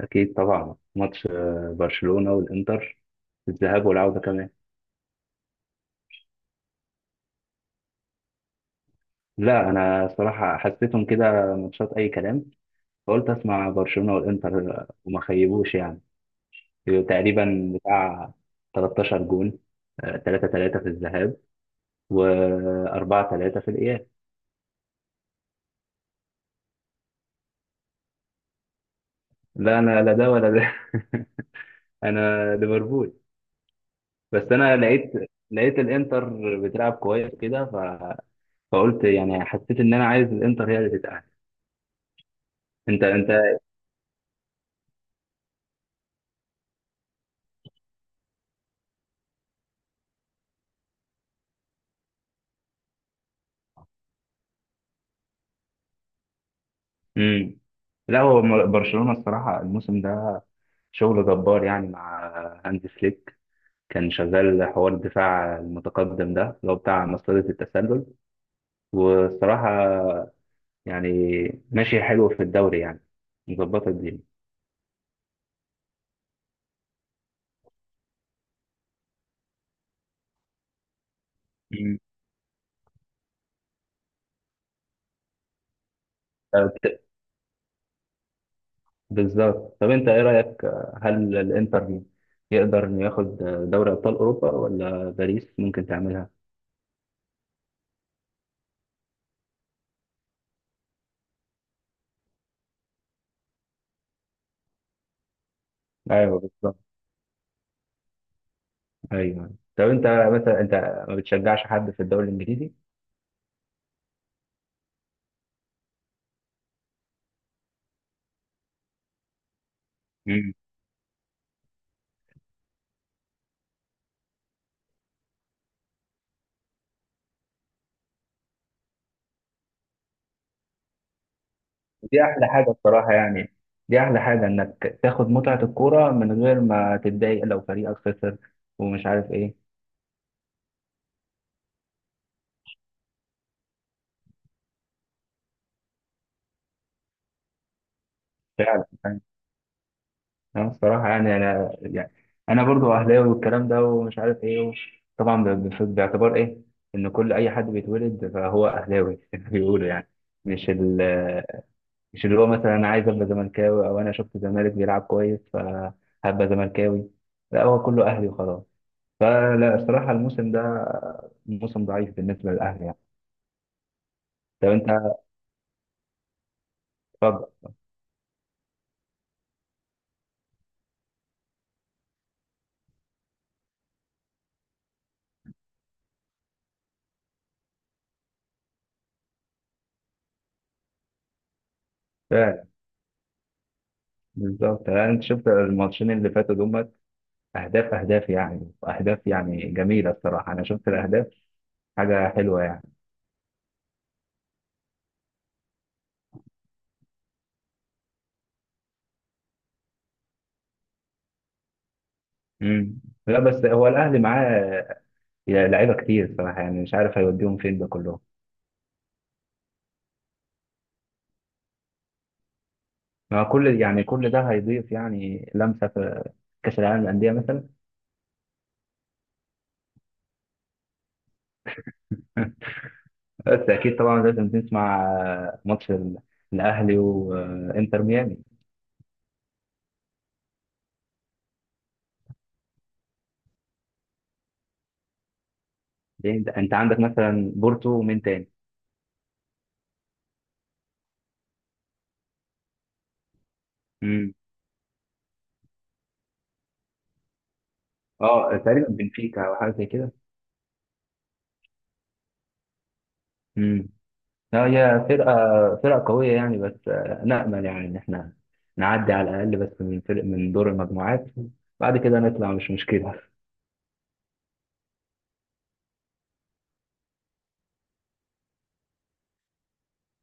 أكيد طبعا، ماتش برشلونة والإنتر، الذهاب والعودة كمان. لا، أنا صراحة حسيتهم كده ماتشات أي كلام. فقلت أسمع برشلونة والإنتر وما خيبوش يعني. تقريبا بتاع 13 جون، 3-3 في الذهاب و4-3 في الإياب. لا، أنا لا ده ولا ده. أنا ليفربول. بس أنا لقيت الإنتر بتلعب كويس كده فقلت يعني حسيت إن أنا عايز الإنتر هي اللي تتأهل. انت. امم لا هو برشلونة الصراحة الموسم ده شغل جبار يعني مع هانز فليك. كان شغال حوار الدفاع المتقدم ده اللي هو بتاع مصيدة التسلل، والصراحة يعني ماشي حلو في الدوري يعني، مظبطة الدنيا. مم. طب- بالظبط، طب انت ايه رأيك؟ هل الانتر يقدر انه ياخد دوري ابطال اوروبا ولا باريس ممكن تعملها؟ ايوه بالظبط. ايوه، طب انت، مثلا انت ما بتشجعش حد في الدوري الانجليزي؟ دي احلى حاجه بصراحه يعني. دي احلى حاجه انك تاخد متعه الكوره من غير ما تتضايق لو فريقك خسر ومش عارف ايه. فعلا يعني. انا بصراحه يعني، انا يعني، انا برضو اهلاوي والكلام ده ومش عارف ايه. طبعا، باعتبار ايه، ان كل اي حد بيتولد فهو اهلاوي. بيقولوا يعني. مش ال مش اللي هو مثلا انا عايز ابقى زملكاوي او انا شفت الزمالك بيلعب كويس فهبقى زملكاوي. لا، هو كله اهلي وخلاص. فلا الصراحة الموسم ده موسم ضعيف بالنسبة للأهلي يعني. طب أنت. اتفضل. فعلا. بالظبط يعني، أنت شفت الماتشين اللي فاتوا دول، أهداف أهداف يعني أهداف يعني جميلة الصراحة. أنا شفت الأهداف، حاجة حلوة يعني. مم. لا بس هو الأهلي معاه لعيبة كتير الصراحة، يعني مش عارف هيوديهم فين ده كلهم. ما كل يعني، كل ده هيضيف يعني لمسة في كأس العالم للأندية مثلا. بس أكيد طبعا لازم نسمع ماتش الأهلي وإنتر ميامي. ليه انت عندك مثلا بورتو ومين تاني؟ امم اه تقريبا بنفيكا او حاجه زي كده. امم لا هي فرقه قويه يعني، بس نامل يعني ان احنا نعدي على الاقل، بس من فرق من دور المجموعات، بعد كده نطلع مش مشكله.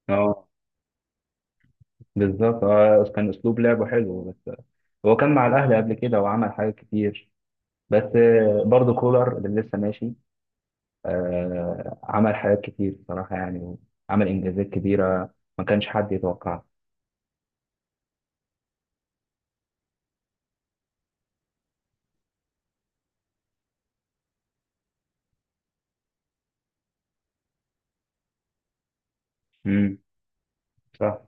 اه بالظبط. اه كان اسلوب لعبه حلو بس هو كان مع الاهلي قبل كده وعمل حاجات كتير. بس برضه كولر اللي لسه ماشي عمل حاجات كتير بصراحه يعني. وعمل انجازات كبيره ما كانش حد يتوقعها. مم. صح.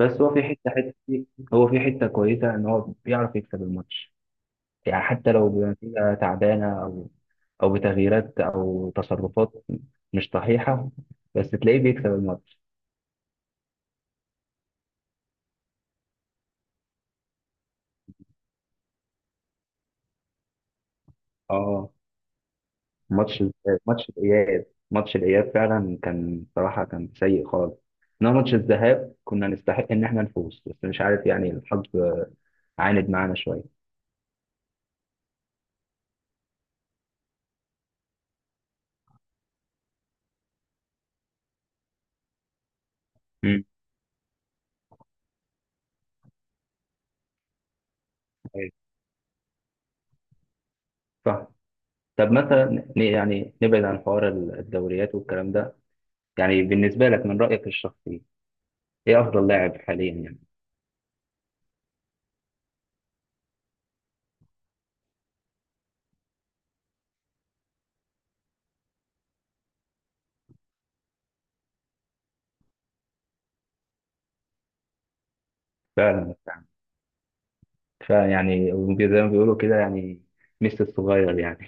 بس هو في حته كويسه ان هو بيعرف يكسب الماتش، يعني حتى لو بنتيجه تعبانه او بتغييرات او تصرفات مش صحيحه، بس تلاقيه بيكسب الماتش. اه. ماتش ماتش الاياب ماتش الاياب فعلا كان صراحه كان سيء خالص. انما ماتش الذهاب كنا نستحق ان احنا نفوز، بس مش عارف يعني الحظ عاند معانا شويه. امم، صح. طب مثلا، يعني نبعد عن حوار الدوريات والكلام ده، يعني بالنسبة لك من رأيك الشخصي إيه أفضل لاعب حاليا يعني؟ فعلا. فيعني زي ما بيقولوا كده يعني، ميسي الصغير يعني.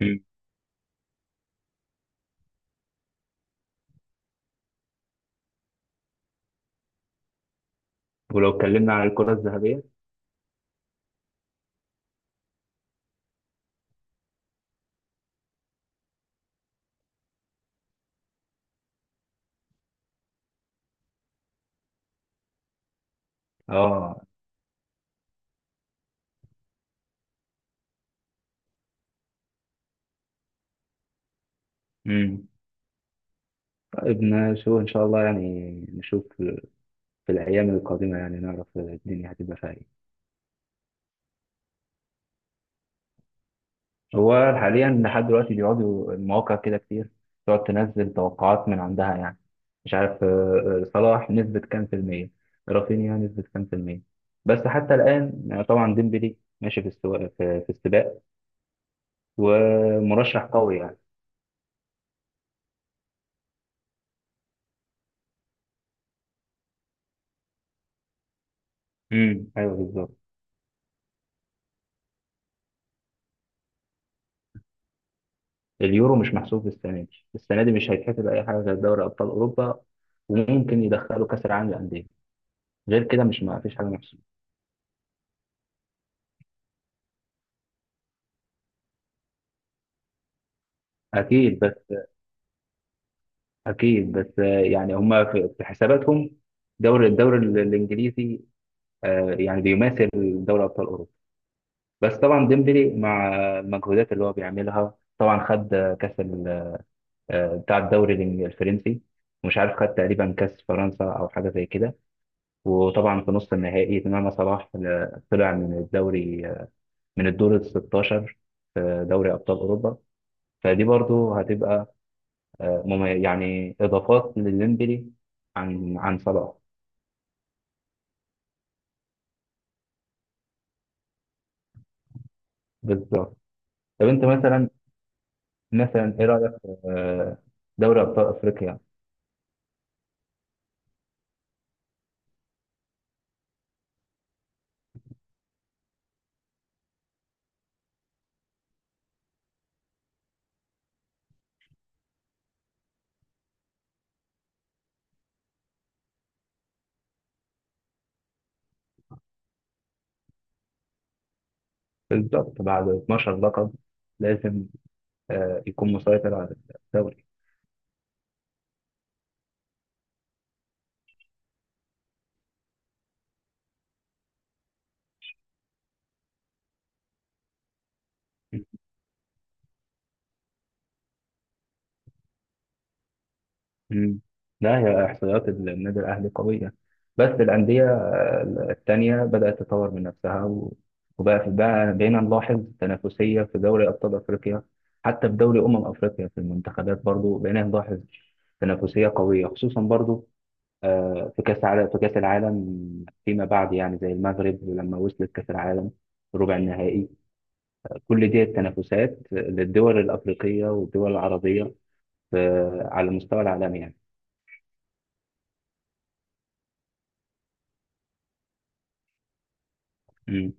مم. ولو اتكلمنا عن الكرة الذهبية. آه. امم طيب نشوف إن شاء الله يعني، نشوف في الأيام القادمة يعني نعرف الدنيا هتبقى فيها إيه. هو حاليا لحد دلوقتي بيقعدوا المواقع كده كتير، تقعد تنزل توقعات من عندها يعني، مش عارف صلاح نسبة كام في المية، رافينيا نسبة كام في المية. بس حتى الآن طبعا ديمبلي ماشي في السواق في السباق، ومرشح قوي يعني. امم، ايوه بالظبط. اليورو مش محسوب السنة دي. السنة دي مش هيتحسب أي حاجة غير دوري أبطال أوروبا، وممكن يدخلوا كأس العالم للأندية. غير كده مش، ما فيش حاجة محسوبة. أكيد. بس يعني هم في حساباتهم، الدوري الانجليزي يعني بيماثل دوري ابطال اوروبا. بس طبعا ديمبلي مع المجهودات اللي هو بيعملها، طبعا خد كاس بتاع الدوري الفرنسي. مش عارف، خد تقريبا كاس فرنسا او حاجه زي كده. وطبعا في نص النهائي تمام. صلاح طلع من الدوري من الدور ال 16 في دوري ابطال اوروبا. فدي برضو هتبقى يعني اضافات لديمبلي عن صلاح. بالظبط. طب انت مثلا ايه رايك في دوري ابطال افريقيا؟ بالظبط، بعد 12 لقب لازم يكون مسيطر على الدوري. مم. لا هي احصائيات النادي الاهلي قويه، بس الانديه التانيه بدات تطور من نفسها وبقى في بقى بقينا نلاحظ تنافسيه في دوري ابطال افريقيا. حتى في دوري افريقيا في المنتخبات برضو بقينا نلاحظ تنافسيه قويه، خصوصا برضو في كأس العالم فيما بعد يعني، زي المغرب لما وصلت كأس العالم ربع النهائي. كل دي التنافسات للدول الأفريقية والدول العربية على المستوى العالمي يعني. مم.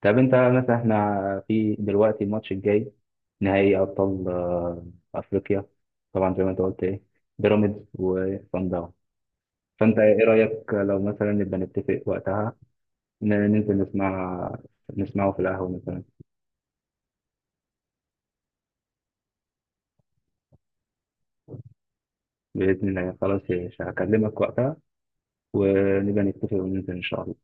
طب أنت مثلا، إحنا في دلوقتي الماتش الجاي نهائي أبطال أفريقيا. طبعا زي ما أنت قلت إيه، بيراميدز وصن داونز. فأنت إيه رأيك لو مثلا نبقى نتفق وقتها، ننزل نسمعه في القهوة مثلا؟ بإذن الله. خلاص، مش هكلمك وقتها، ونبقى نتفق وننزل إن شاء الله.